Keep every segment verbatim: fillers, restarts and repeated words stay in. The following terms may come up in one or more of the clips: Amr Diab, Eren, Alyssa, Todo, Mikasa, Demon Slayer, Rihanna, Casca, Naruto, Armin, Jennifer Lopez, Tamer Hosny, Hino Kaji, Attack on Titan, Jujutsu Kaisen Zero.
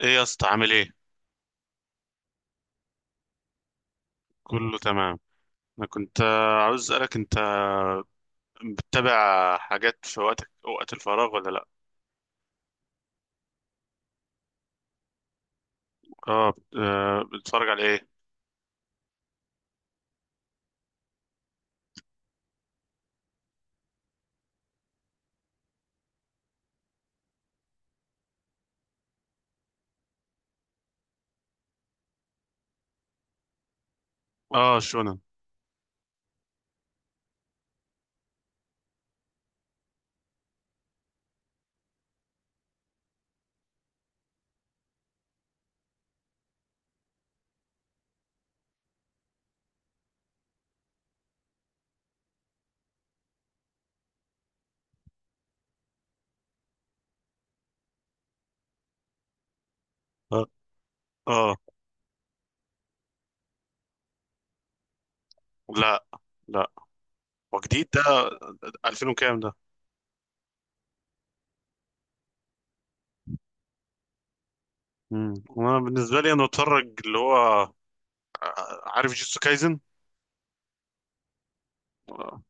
ايه يا اسطى، عامل ايه؟ كله تمام. انا كنت آه، عاوز اسالك، انت بتتابع حاجات في وقتك، وقت الفراغ ولا لا؟ اه، بت- آه، بتتفرج على ايه؟ اه، شونن. اه، آه، لا لا، هو جديد ده؟ ألفين وكام ده؟ مم. انا بالنسبه لي، انا بتفرج اللي هو، آه، عارف جيتسو كايزن؟ اه،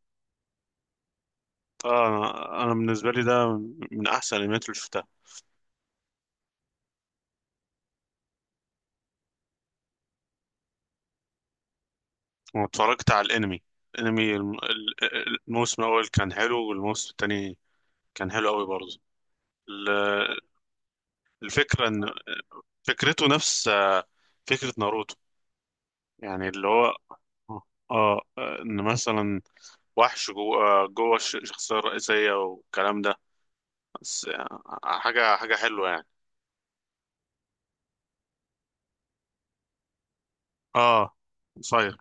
آه، انا أنا بالنسبه لي ده من احسن الانميات اللي شفتها. واتفرجت على الانمي، الانمي الم- ال- الموسم الاول كان حلو، والموسم الثاني كان حلو قوي برضه. ال- الفكرة ان فكرته نفس آه، فكرة ناروتو. يعني اللي هو، اه، آه، ان مثلا وحش جوه جوه الش- الشخصية الرئيسية والكلام ده. بس آه، حاجة حاجة حلوة يعني. اه، صاير.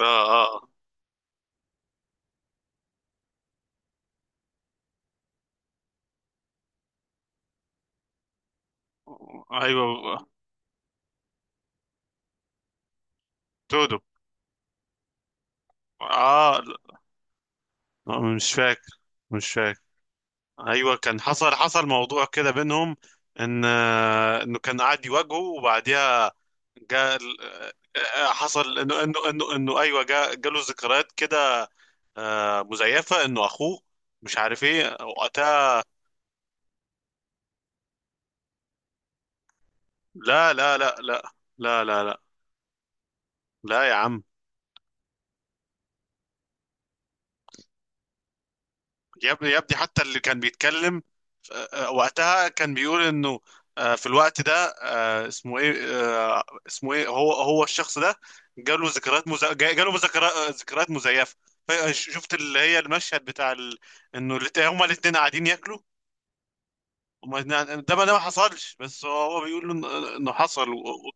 اه، اه، ايوه تودو. اه. لا، مش فاكر. مش فاكر. ايوه، كان حصل حصل موضوع كده بينهم. ان آه، انه كان قاعد يواجهه، وبعديها جاء ال- آه، حصل انه انه انه انه ايوه، جاء جاله ذكريات كده. آه، مزيفه، انه اخوه، مش عارف ايه وقتها. لا لا لا لا. لا لا لا لا. لا يا عم. يا ابني يا ابني، حتى اللي كان بيتكلم، آه، آه، وقتها كان بيقول انه آه، في الوقت ده، آه، اسمه ايه، آه، اسمه ايه هو هو الشخص ده جاله ذكريات مز... جا- جاله ذكريات ذكريات مزيفه. ف- شفت اللي هي المشهد بتاع، ال... انه الات- هما الاثنين قاعدين ياكلوا. هما الاتنين قاعدين، ده ما ده ما حصلش، بس هو هو بيقول له انه إنه حصل. و... و...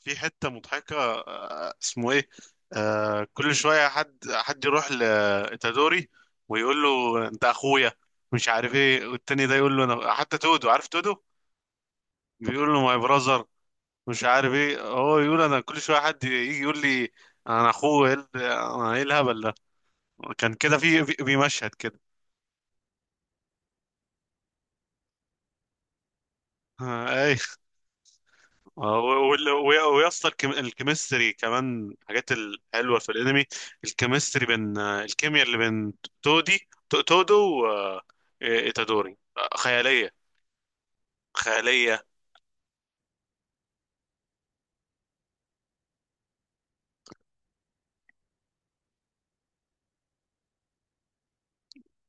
في حتة مضحكة، آه، اسمه ايه، آه كل شوية حد حد يروح لإتادوري ويقول له انت اخويا، مش عارف ايه، والتاني ده يقول له انا، حتى تودو، عارف تودو؟ بيقول له ماي براذر. مش عارف ايه، هو يقول انا كل شوية حد يجي يقول لي انا اخوه، ايه ال- انا ايه الهبل ده؟ كان كده، في في في مشهد كده. آه، آه، و- وال- و- ويا اسطى، الكيم- الكيمستري كمان حاجات الحلوه في الانمي. الكيمستري بين، آه، الكيمياء اللي بين تودي تو- تودو وإيتادوري، خياليه. خياليه.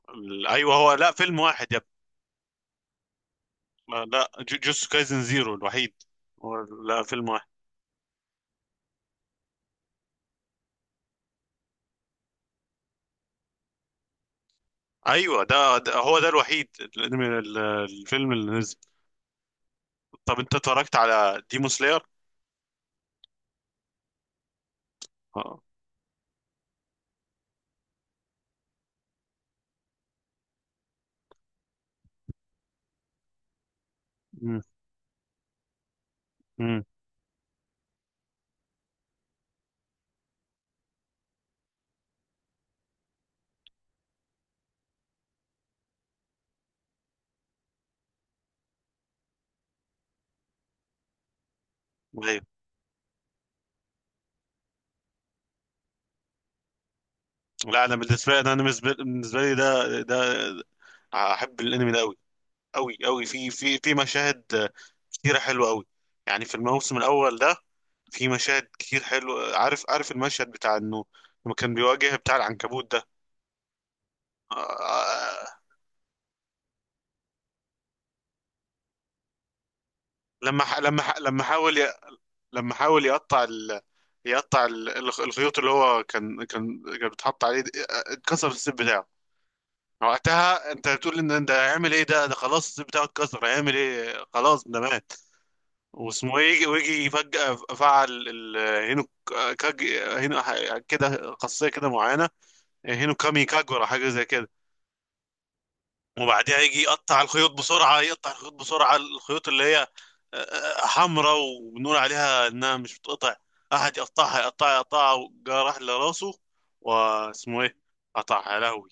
ال- ايوه، هو، لا فيلم واحد يا ابني. ما- لا، جو- جوتسو كايزن زيرو الوحيد هو. لا، فيلم واحد. ايوه ده، ده هو ده الوحيد الانمي، ال- الفيلم اللي نزل. طب انت اتفرجت على ديمون سلاير؟ اه. امم لا، انا بالنسبه لي، انا أنا بالنسبه بالنسبة لي ده، ده احب الانمي ده قوي. قوي قوي، في في في مشاهد كتيره حلوه قوي. يعني في الموسم الاول ده في مشاهد كتير حلوه، عارف عارف المشهد بتاع انه لما كان بيواجه بتاع العنكبوت ده؟ آه، آه، لما ح- لما ح- لما حاول ي- لما حاول يقطع، ال... يقطع ال- الخيوط اللي هو كان كان كان بيتحط عليه دي، آه، اتكسر السيب بتاعه. وقتها انت بتقول ان ده هيعمل ايه؟ ده ده خلاص، الصيت بتاعه اتكسر، هيعمل ايه؟ خلاص ده مات. واسمه ايه، يجي- ويجي فجأة فعل ال- هينو كاج. هينو ح- كده خاصية كده معينة، هينو كامي كاج، ولا حاجة زي كده. وبعديها يجي يقطع الخيوط بسرعة، يقطع الخيوط بسرعة، الخيوط اللي هي حمراء وبنقول عليها انها مش بتقطع، احد يقطعها، يقطعها، يقطعها، جه راح لراسه، واسمه ايه، قطعها يا لهوي.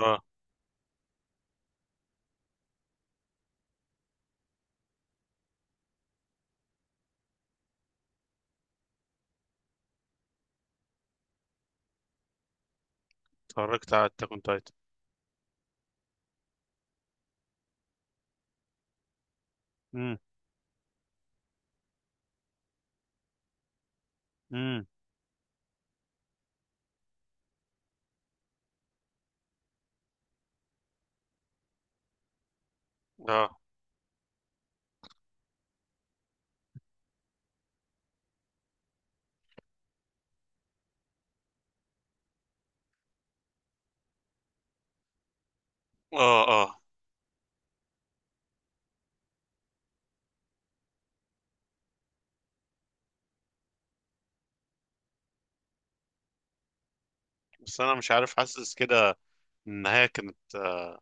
اه. اتفرجت على التاكون تايتن. مم. مم. اه اه اه. بس انا مش عارف، حاسس كده النهاية كانت، آه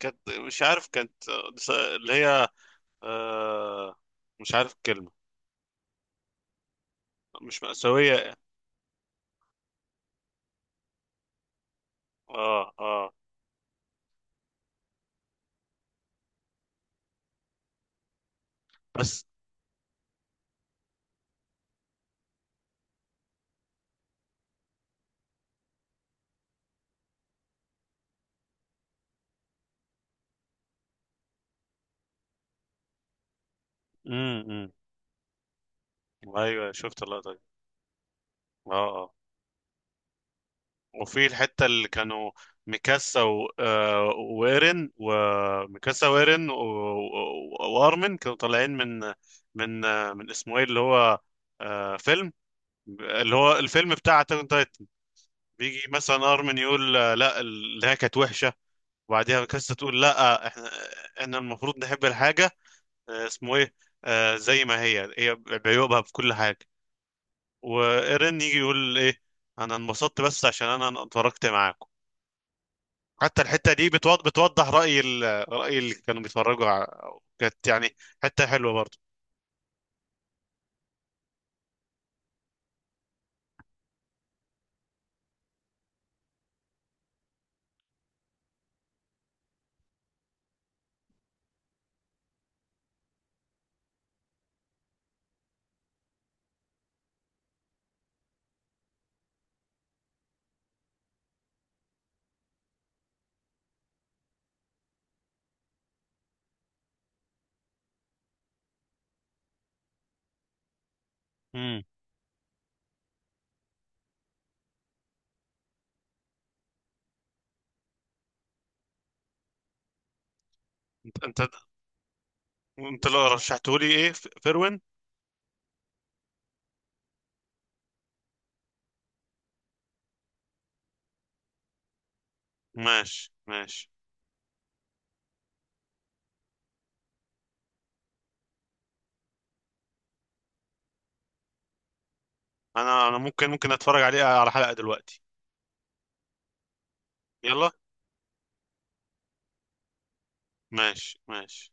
كانت، مش عارف، كانت، آه، بس- اللي هي، آه مش عارف الكلمة. مش مأساوية. اه اه. بس. امم ايوه، شفت اللقطة دي. اه اه. وفي الحتة اللي كانوا ميكاسا، و... آه وإيرين، وميكاسا وإيرين و... و... وأرمن كانوا طالعين من، من آه، من اسمه ايه، اللي هو آه فيلم، اللي هو الفيلم بتاع أتاك. بيجي مثلا ارمن يقول، آه، لا، اللي هي كانت وحشه، وبعديها كاستا تقول لا، احنا احنا المفروض نحب الحاجه، آه، اسمه ايه آه، زي ما هي، هي بعيوبها في كل حاجه. وايرين يجي يقول ايه؟ انا انبسطت بس عشان انا اتفرجت معاكم. حتى الحته دي بتوضح، بتوضح راي، ال... راي اللي كانوا بيتفرجوا ع- كانت يعني حته حلوه برضه. امم انت انت انت لو رشحته لي ايه، ف- فروين؟ ماشي ماشي. انا انا ممكن ممكن اتفرج عليه على حلقه دلوقتي. يلا، ماشي ماشي.